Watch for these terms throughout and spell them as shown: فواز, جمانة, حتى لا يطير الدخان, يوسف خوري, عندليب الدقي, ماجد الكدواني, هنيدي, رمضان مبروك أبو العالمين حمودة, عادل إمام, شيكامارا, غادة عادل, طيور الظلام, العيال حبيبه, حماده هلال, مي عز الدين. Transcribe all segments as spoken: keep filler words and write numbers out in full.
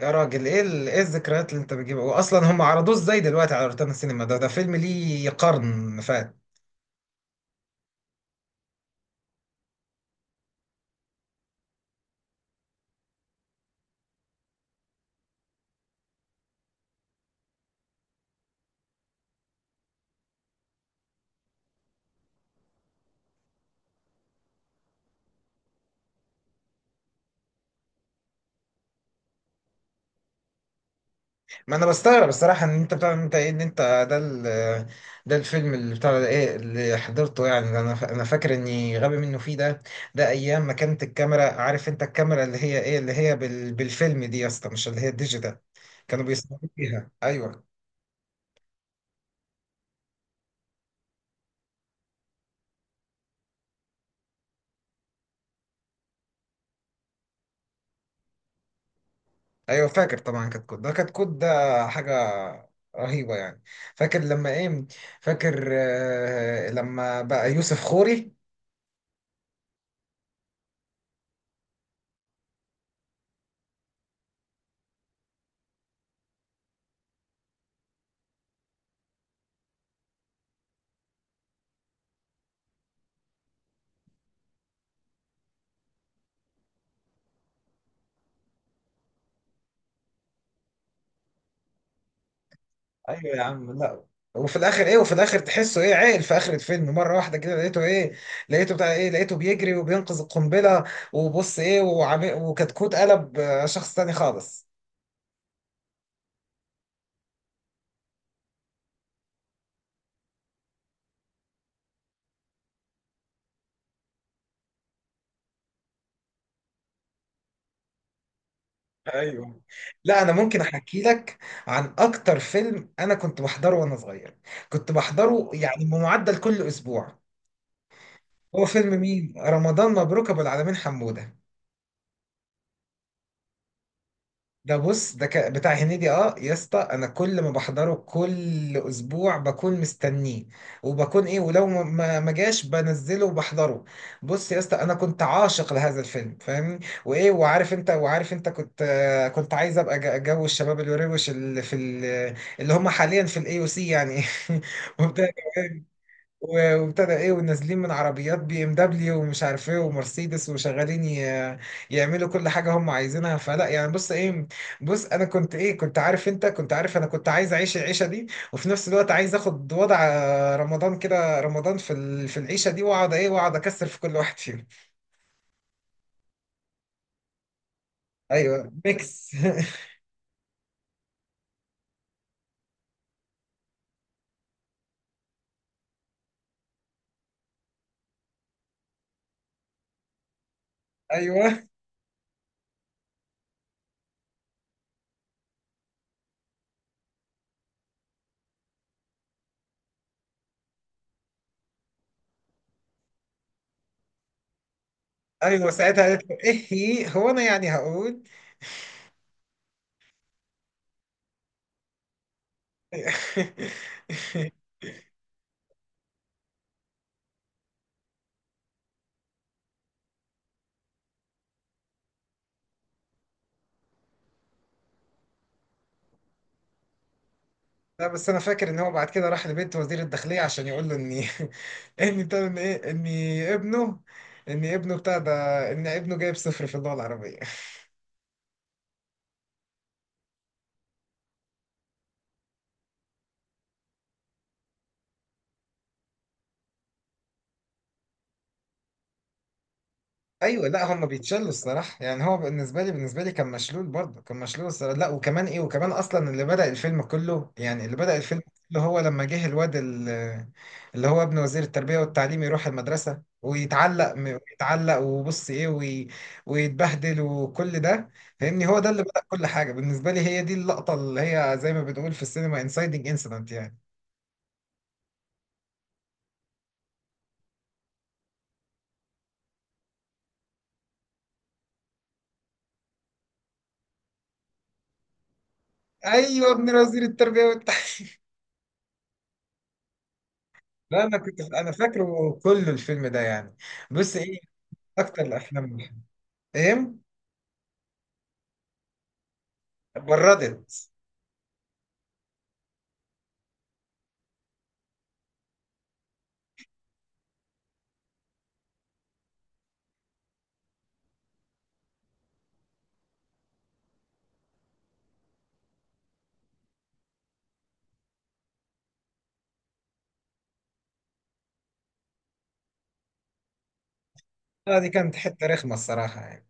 يا راجل ايه ال... ايه الذكريات اللي انت بتجيبها. واصلا هم عرضوه ازاي دلوقتي على روتانا السينما؟ ده ده فيلم ليه قرن فات. ما انا بستغرب الصراحه ان انت بتاع انت ايه ان انت ده ال... ده الفيلم اللي بتاع ده ايه اللي حضرته يعني. ده انا ف... انا فاكر اني غبي منه فيه ده ده ايام ما كانت الكاميرا، عارف انت، الكاميرا اللي هي ايه اللي هي بال... بالفيلم دي يا اسطى، مش اللي هي الديجيتال كانوا بيصوروا بيها. ايوه. ايوه فاكر طبعا. كتكوت ده، كتكوت ده حاجه رهيبه يعني. فاكر لما ايه، فاكر آه لما بقى يوسف خوري. ايوه يا عم. لا، وفي الاخر ايه، وفي الاخر تحسه ايه عاقل في اخر الفيلم مره واحده كده. لقيته ايه، لقيته بتاع ايه، لقيته بيجري وبينقذ القنبله وبص ايه وعم... وكتكوت قلب آه، شخص تاني خالص. ايوه. لا انا ممكن احكي لك عن اكتر فيلم انا كنت بحضره وانا صغير، كنت بحضره يعني بمعدل كل اسبوع. هو فيلم مين؟ رمضان مبروك أبو العالمين حمودة. ده بص ده ك... بتاع هنيدي. اه يا اسطى، انا كل ما بحضره كل اسبوع بكون مستنيه، وبكون ايه ولو ما ما ما جاش بنزله وبحضره. بص يا اسطى، انا كنت عاشق لهذا الفيلم فاهمني. وايه، وعارف انت، وعارف انت كنت آه، كنت عايز ابقى ج- جو الشباب الوروش اللي في ال... اللي هم حاليا في الاي او سي يعني. وبتاع. و- وابتدى ايه ونازلين من عربيات بي ام دبليو ومش عارف ايه ومرسيدس وشغالين ي- يعملوا كل حاجه هم عايزينها فلا يعني. بص ايه، بص انا كنت ايه، كنت عارف انت، كنت عارف انا كنت عايز اعيش العيشه دي، وفي نفس الوقت عايز اخد وضع آه، رمضان كده، رمضان في ال- في العيشه دي واقعد ايه، واقعد اكسر في كل واحد فيهم. ايوه ميكس. ايوه ايوه، ساعتها قالت له ايه، هي هو انا يعني هقول. لا بس انا فاكر ان هو بعد كده راح لبيت وزير الداخليه عشان يقول له اني اني بتاع- ان ايه اني ابنه، ان ابنه بتاع ده، ان ابنه جايب صفر في اللغه العربيه. ايوه لا، هم بيتشلوا الصراحه يعني. هو بالنسبه لي، بالنسبه لي كان مشلول برضه، كان مشلول الصراحه. لا وكمان ايه، وكمان اصلا اللي بدأ الفيلم كله يعني، اللي بدأ الفيلم كله هو لما جه الواد ال- اللي هو ابن وزير التربيه والتعليم، يروح المدرسه ويتعلق ويتعلق وبص ايه وي... ويتبهدل وكل ده. فاهمني، هو ده اللي بدأ كل حاجه بالنسبه لي، هي دي اللقطه اللي هي زي ما بنقول في السينما انسايدنج انسيدنت يعني. ايوه ابن وزير التربيه والتعليم. لا انا كنت، انا فاكره كل الفيلم ده يعني. بص ايه اكتر الافلام اللي- ايه بردت. لا دي كانت حته رخمه الصراحه يعني.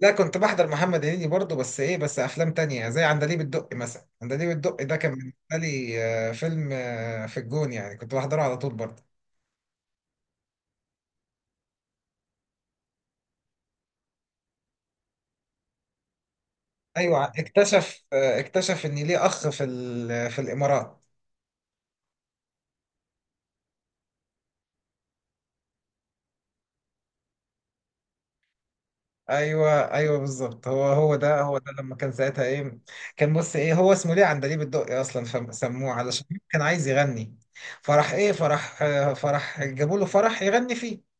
لا كنت بحضر محمد هنيدي برضه، بس ايه بس افلام تانية زي عندليب الدقي مثلا. عندليب الدقي ده كان بالنسبه لي آه، فيلم آه، في الجون يعني، كنت بحضره على طول برضه. ايوه اكتشف، آه، اكتشف ان ليه اخ في ال- آه، في الامارات. ايوه ايوه بالظبط، هو هو ده، هو ده لما كان ساعتها ايه. كان بص ايه، هو اسمه ليه عندليب الدقي اصلا؟ فسموه علشان كان عايز يغني فرح ايه، فرح آه، فرح جابوا له فرح يغني فيه.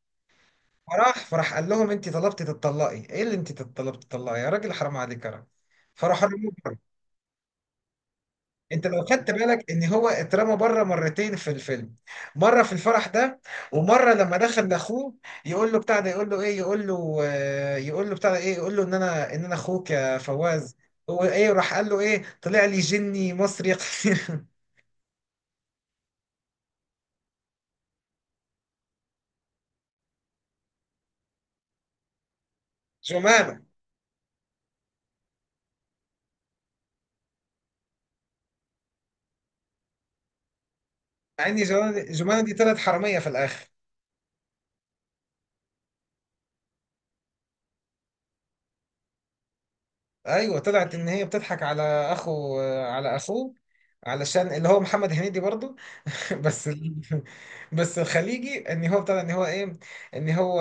فراح، فراح قال لهم انت طلبتي تتطلقي، ايه اللي انت طلبتي تتطلقي يا راجل حرام عليك يا راجل. فراح رموه. انت لو خدت بالك ان هو اترمى بره مرتين في الفيلم، مره في الفرح ده، ومره لما دخل لاخوه يقول له بتاع ده يقول له ايه يقول له آه، يقول له بتاع ده ايه يقول له ان انا ان انا اخوك يا فواز. هو ايه، راح قال له ايه، طلع لي جني مصري قصير. جمانه. مع ان جمانه دي، جمانة دي طلعت حراميه في الاخر. ايوه طلعت ان هي بتضحك على اخو، على اخوه، علشان اللي هو محمد هنيدي برضه. بس ال- بس الخليجي ان هو ابتدى ان هو ايه، ان هو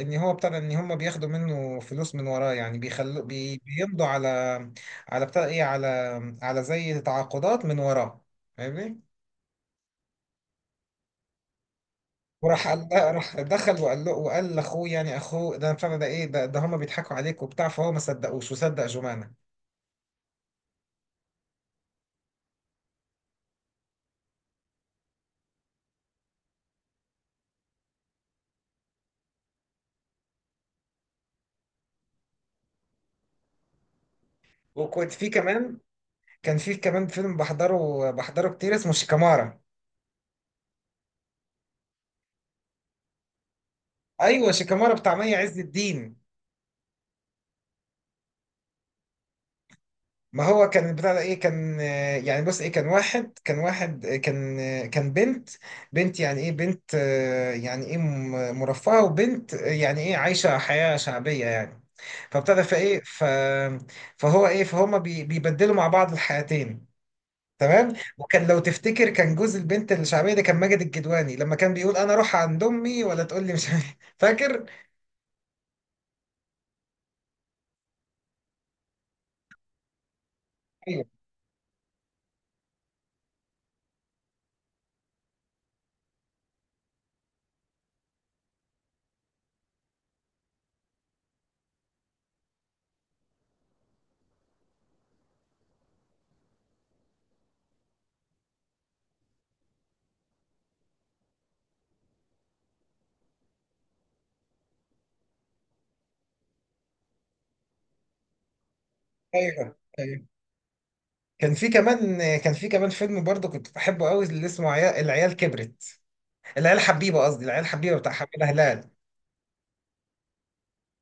ان هو ابتدى ان هم بياخدوا منه فلوس من وراه يعني، بيخلوا بي بيمضوا على، على بتاع ايه، على، على زي تعاقدات من وراه فاهمني. وراح قال لا، راح دخل وقال له وقال لاخوه يعني، اخوه ده بتاع ده ايه ده، ده هم بيضحكوا عليك وبتاع، فهو ما صدقوش وصدق جمانه. وكنت في كمان، كان في كمان فيلم بحضره، بحضره كتير اسمه شيكامارا. ايوه شيكامارا بتاع مي عز الدين. ما هو كان بتاع ده ايه، كان آه، يعني بص ايه، كان واحد، كان واحد آه، كان آه، كان بنت، بنت يعني ايه، بنت آه، يعني ايه م- مرفهة، وبنت آه، يعني ايه عايشة حياة شعبية يعني. فابتدى فايه ف فهو ايه فهما بي... بيبدلوا مع بعض الحياتين. تمام، وكان لو تفتكر كان جوز البنت الشعبية ده كان ماجد الكدواني، لما كان بيقول انا اروح عند امي، ولا تقول لي مش عارف- إيه. فاكر. ايوه ايوه كان في كمان، كان في كمان فيلم برضه كنت بحبه قوي اللي اسمه عيال العيال كبرت، العيال حبيبه، قصدي العيال حبيبه بتاع حماده هلال.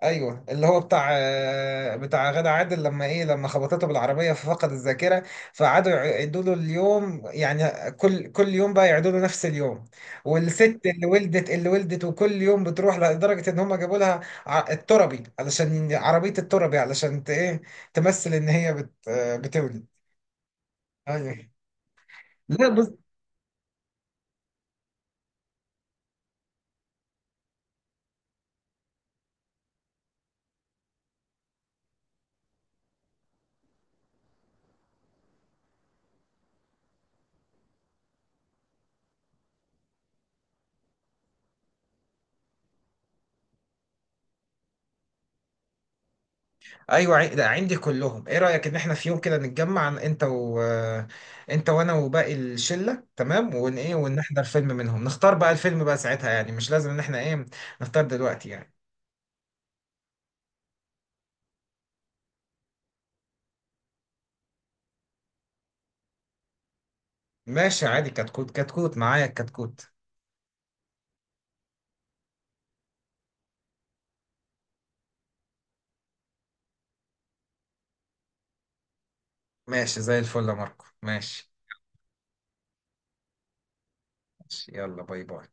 ايوه اللي هو بتاع آه، بتاع غادة عادل، لما ايه، لما خبطته بالعربيه ففقد الذاكره، فقعدوا يعيدوا له اليوم يعني كل كل يوم بقى، يعيدوا له نفس اليوم. والست اللي ولدت، اللي ولدت وكل يوم بتروح، لدرجه ان هم جابوا لها ع- التربي علشان عربيه التربي علشان ت- ايه تمثل ان هي بت آه، بتولد. ايوه. لا بص. ايوه عن- ده عندي كلهم. ايه رايك ان احنا في يوم كده نتجمع انت و انت وانا وباقي الشله، تمام؟ ون ايه ونحضر فيلم منهم، نختار بقى الفيلم بقى ساعتها يعني، مش لازم ان احنا ايه نختار دلوقتي يعني. ماشي عادي، كتكوت، كتكوت معايا الكتكوت. ماشي زي الفل يا ماركو، ماشي. ماشي، يلا باي باي.